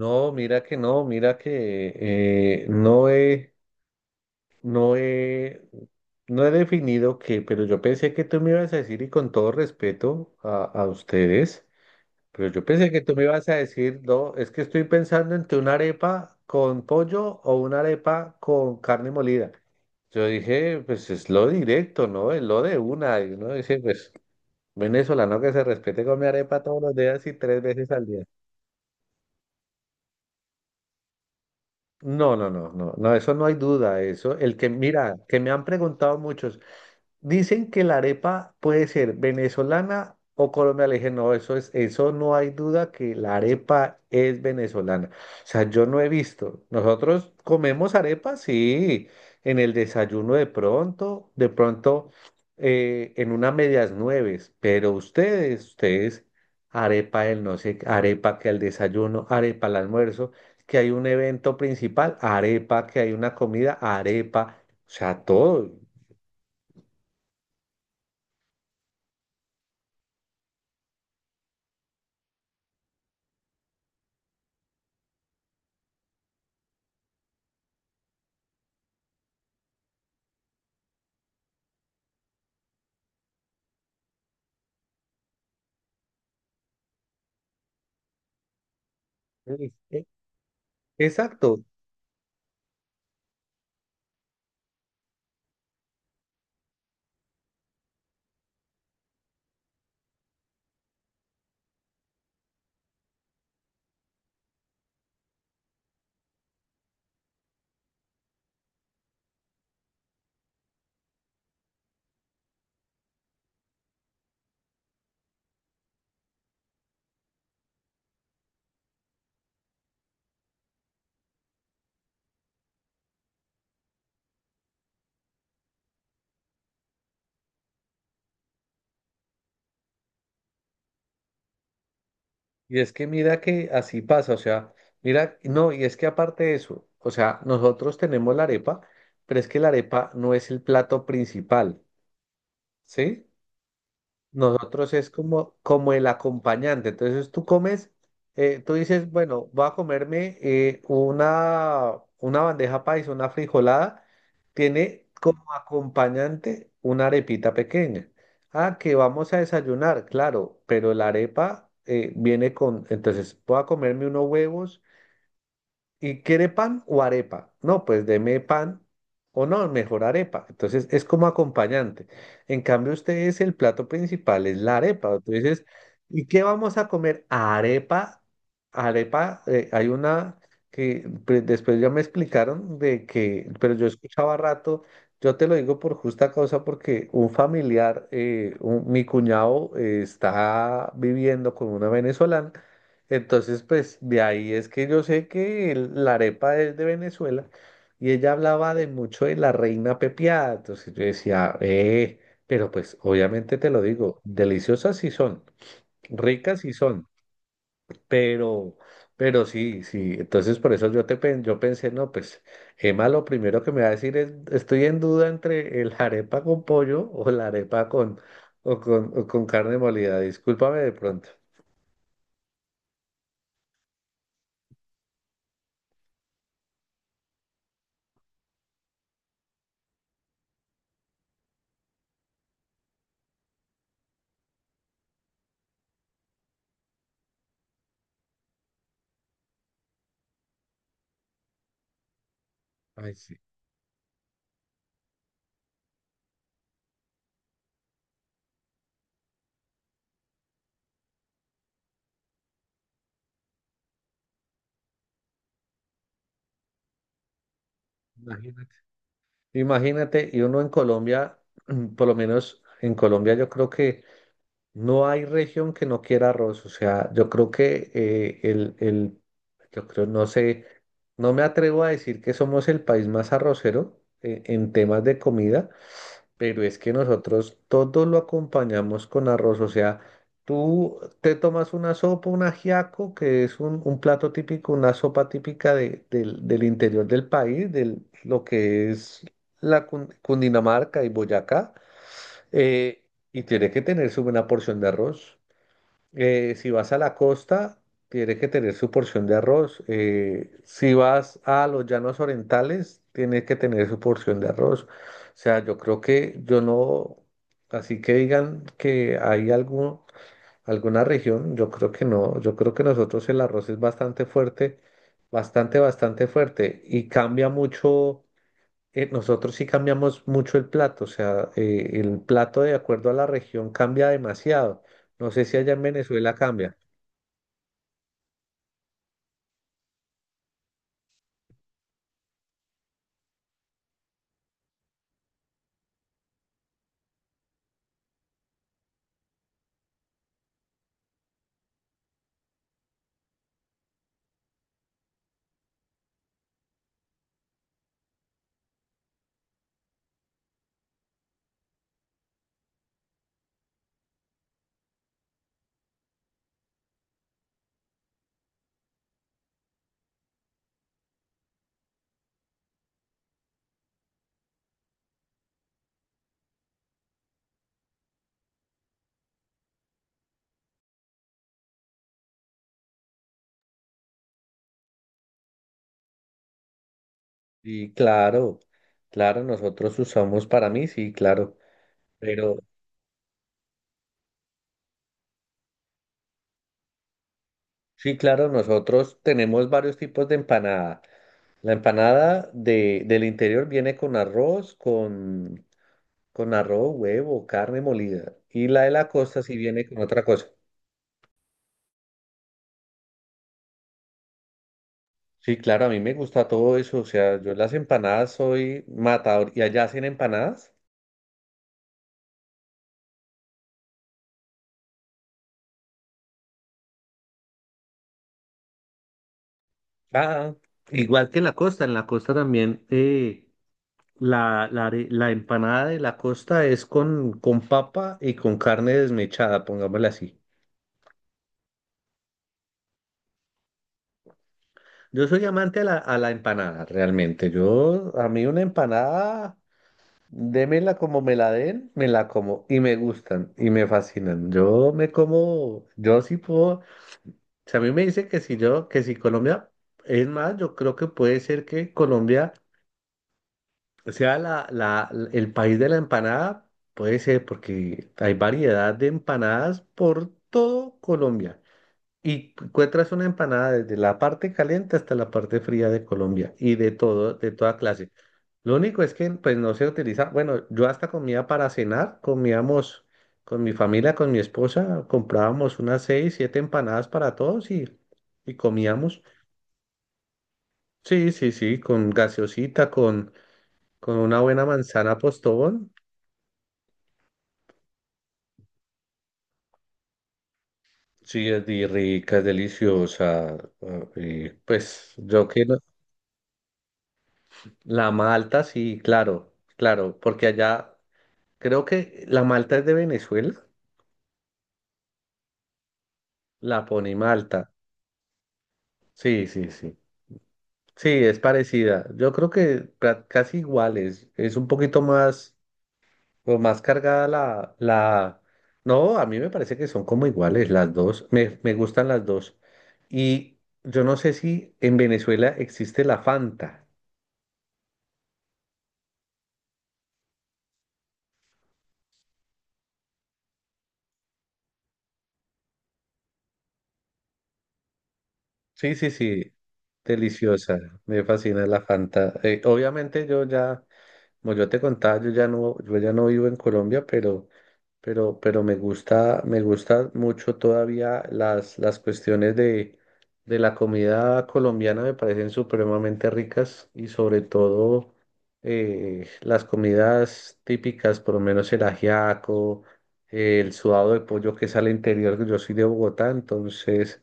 No, mira que no, mira que no he, no he definido qué, pero yo pensé que tú me ibas a decir, y con todo respeto a ustedes, pero yo pensé que tú me ibas a decir, no, es que estoy pensando entre una arepa con pollo o una arepa con carne molida. Yo dije, pues es lo directo, ¿no? Es lo de una. Y uno dice, pues venezolano que se respete con mi arepa todos los días y tres veces al día. No, no, no, no, no, eso no hay duda, eso. El que, mira, que me han preguntado muchos, dicen que la arepa puede ser venezolana o colombiana. Le dije, no, eso es, eso no hay duda que la arepa es venezolana. O sea, yo no he visto. Nosotros comemos arepa, sí, en el desayuno de pronto, en unas medias nueves, pero ustedes, arepa el no sé, arepa que al desayuno, arepa al almuerzo, que hay un evento principal, arepa, que hay una comida, arepa, o sea, todo. Sí. Exacto. Y es que mira que así pasa, o sea, mira, no, y es que aparte de eso, o sea, nosotros tenemos la arepa, pero es que la arepa no es el plato principal, ¿sí? Nosotros es como, como el acompañante. Entonces tú comes, tú dices, bueno, voy a comerme una bandeja paisa, una frijolada. Tiene como acompañante una arepita pequeña. Ah, que vamos a desayunar, claro, pero la arepa viene con, entonces voy a comerme unos huevos. ¿Y quiere pan o arepa? No, pues deme pan o no, mejor arepa. Entonces es como acompañante. En cambio, ustedes el plato principal es la arepa. Entonces, ¿y qué vamos a comer? Arepa, hay una que después ya me explicaron de que, pero yo escuchaba rato, yo te lo digo por justa causa porque un familiar, mi cuñado está viviendo con una venezolana. Entonces, pues de ahí es que yo sé que la arepa es de Venezuela y ella hablaba de mucho de la reina pepiada. Entonces yo decía, pero pues obviamente te lo digo, deliciosas sí son, ricas sí son, pero, pero sí, sí. Entonces por eso yo yo pensé, no, pues Emma lo primero que me va a decir es, estoy en duda entre el arepa con pollo o la arepa con, o con, o con carne molida. Discúlpame de pronto. Ay, sí. Imagínate. Imagínate, y uno en Colombia, por lo menos en Colombia, yo creo que no hay región que no quiera arroz. O sea, yo creo que el, yo creo, no sé, no me atrevo a decir que somos el país más arrocero en temas de comida, pero es que nosotros todo lo acompañamos con arroz, o sea, tú te tomas una sopa, un ajiaco, que es un plato típico, una sopa típica del interior del país, de lo que es la Cundinamarca y Boyacá, eh, y tiene que tener su buena porción de arroz. Si vas a la costa, tienes que tener su porción de arroz. Si vas a los llanos orientales, tienes que tener su porción de arroz. O sea, yo creo que yo no, así que digan que hay algún, alguna región, yo creo que no. Yo creo que nosotros el arroz es bastante fuerte, bastante, bastante fuerte y cambia mucho. Nosotros sí cambiamos mucho el plato, o sea, el plato de acuerdo a la región cambia demasiado. No sé si allá en Venezuela cambia. Sí, claro, claro, nosotros usamos para mí, sí, claro, pero sí, claro, nosotros tenemos varios tipos de empanada. La empanada del interior viene con arroz, con arroz, huevo, carne molida, y la de la costa sí viene con otra cosa. Sí, claro, a mí me gusta todo eso, o sea, yo las empanadas soy matador, y allá hacen empanadas. Ah, igual que en la costa también. La empanada de la costa es con papa y con carne desmechada, pongámosla así. Yo soy amante a la empanada, realmente. Yo, a mí una empanada, démela como me la den, me la como y me gustan y me fascinan. Yo me como, yo sí puedo, si a mí me dice que si yo, que si Colombia, es más, yo creo que puede ser que Colombia. O sea, el país de la empanada puede ser porque hay variedad de empanadas por todo Colombia. Y encuentras una empanada desde la parte caliente hasta la parte fría de Colombia y de todo, de toda clase. Lo único es que pues no se utiliza, bueno, yo hasta comía para cenar, comíamos con mi familia, con mi esposa, comprábamos unas seis, siete empanadas para todos y comíamos. Sí, sí, sí, con gaseosita, con una buena manzana postobón. Sí, rica, es deliciosa. Y pues yo que no- la malta, sí, claro, claro, porque allá creo que la malta es de Venezuela, la pone Malta. Sí, sí, sí. Sí, es parecida. Yo creo que casi iguales, es un poquito más, o más cargada la. No, a mí me parece que son como iguales las dos. Me gustan las dos. Y yo no sé si en Venezuela existe la Fanta. Sí, sí, sí, deliciosa, me fascina la Fanta. Obviamente yo ya, como yo te contaba, yo ya no, yo ya no vivo en Colombia, pero, pero me gusta mucho todavía las cuestiones de la comida colombiana, me parecen supremamente ricas y sobre todo las comidas típicas, por lo menos el ajiaco, el sudado de pollo que es al interior, yo soy de Bogotá, entonces...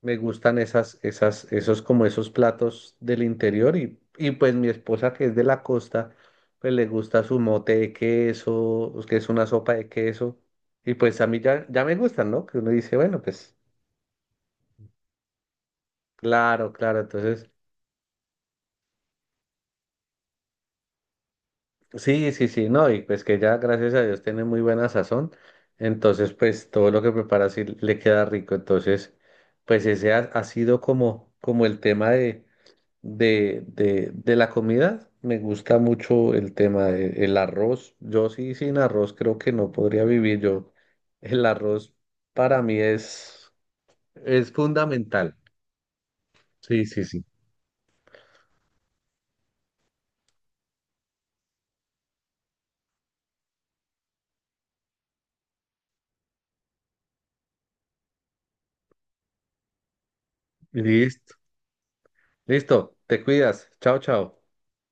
Me gustan esos como esos platos del interior y pues mi esposa que es de la costa, pues le gusta su mote de queso, pues, que es una sopa de queso y pues a mí ya, ya me gustan, ¿no? Que uno dice, bueno, pues claro, claro, entonces sí, sí, sí, no, y pues que ya gracias a Dios tiene muy buena sazón, entonces pues todo lo que prepara sí le queda rico, entonces pues ese ha, ha sido como, como el tema de de la comida, me gusta mucho el tema del arroz. Yo sí sin arroz creo que no podría vivir yo. El arroz para mí es fundamental. Sí, sí, sí. Listo. Listo, te cuidas. Chao, chao.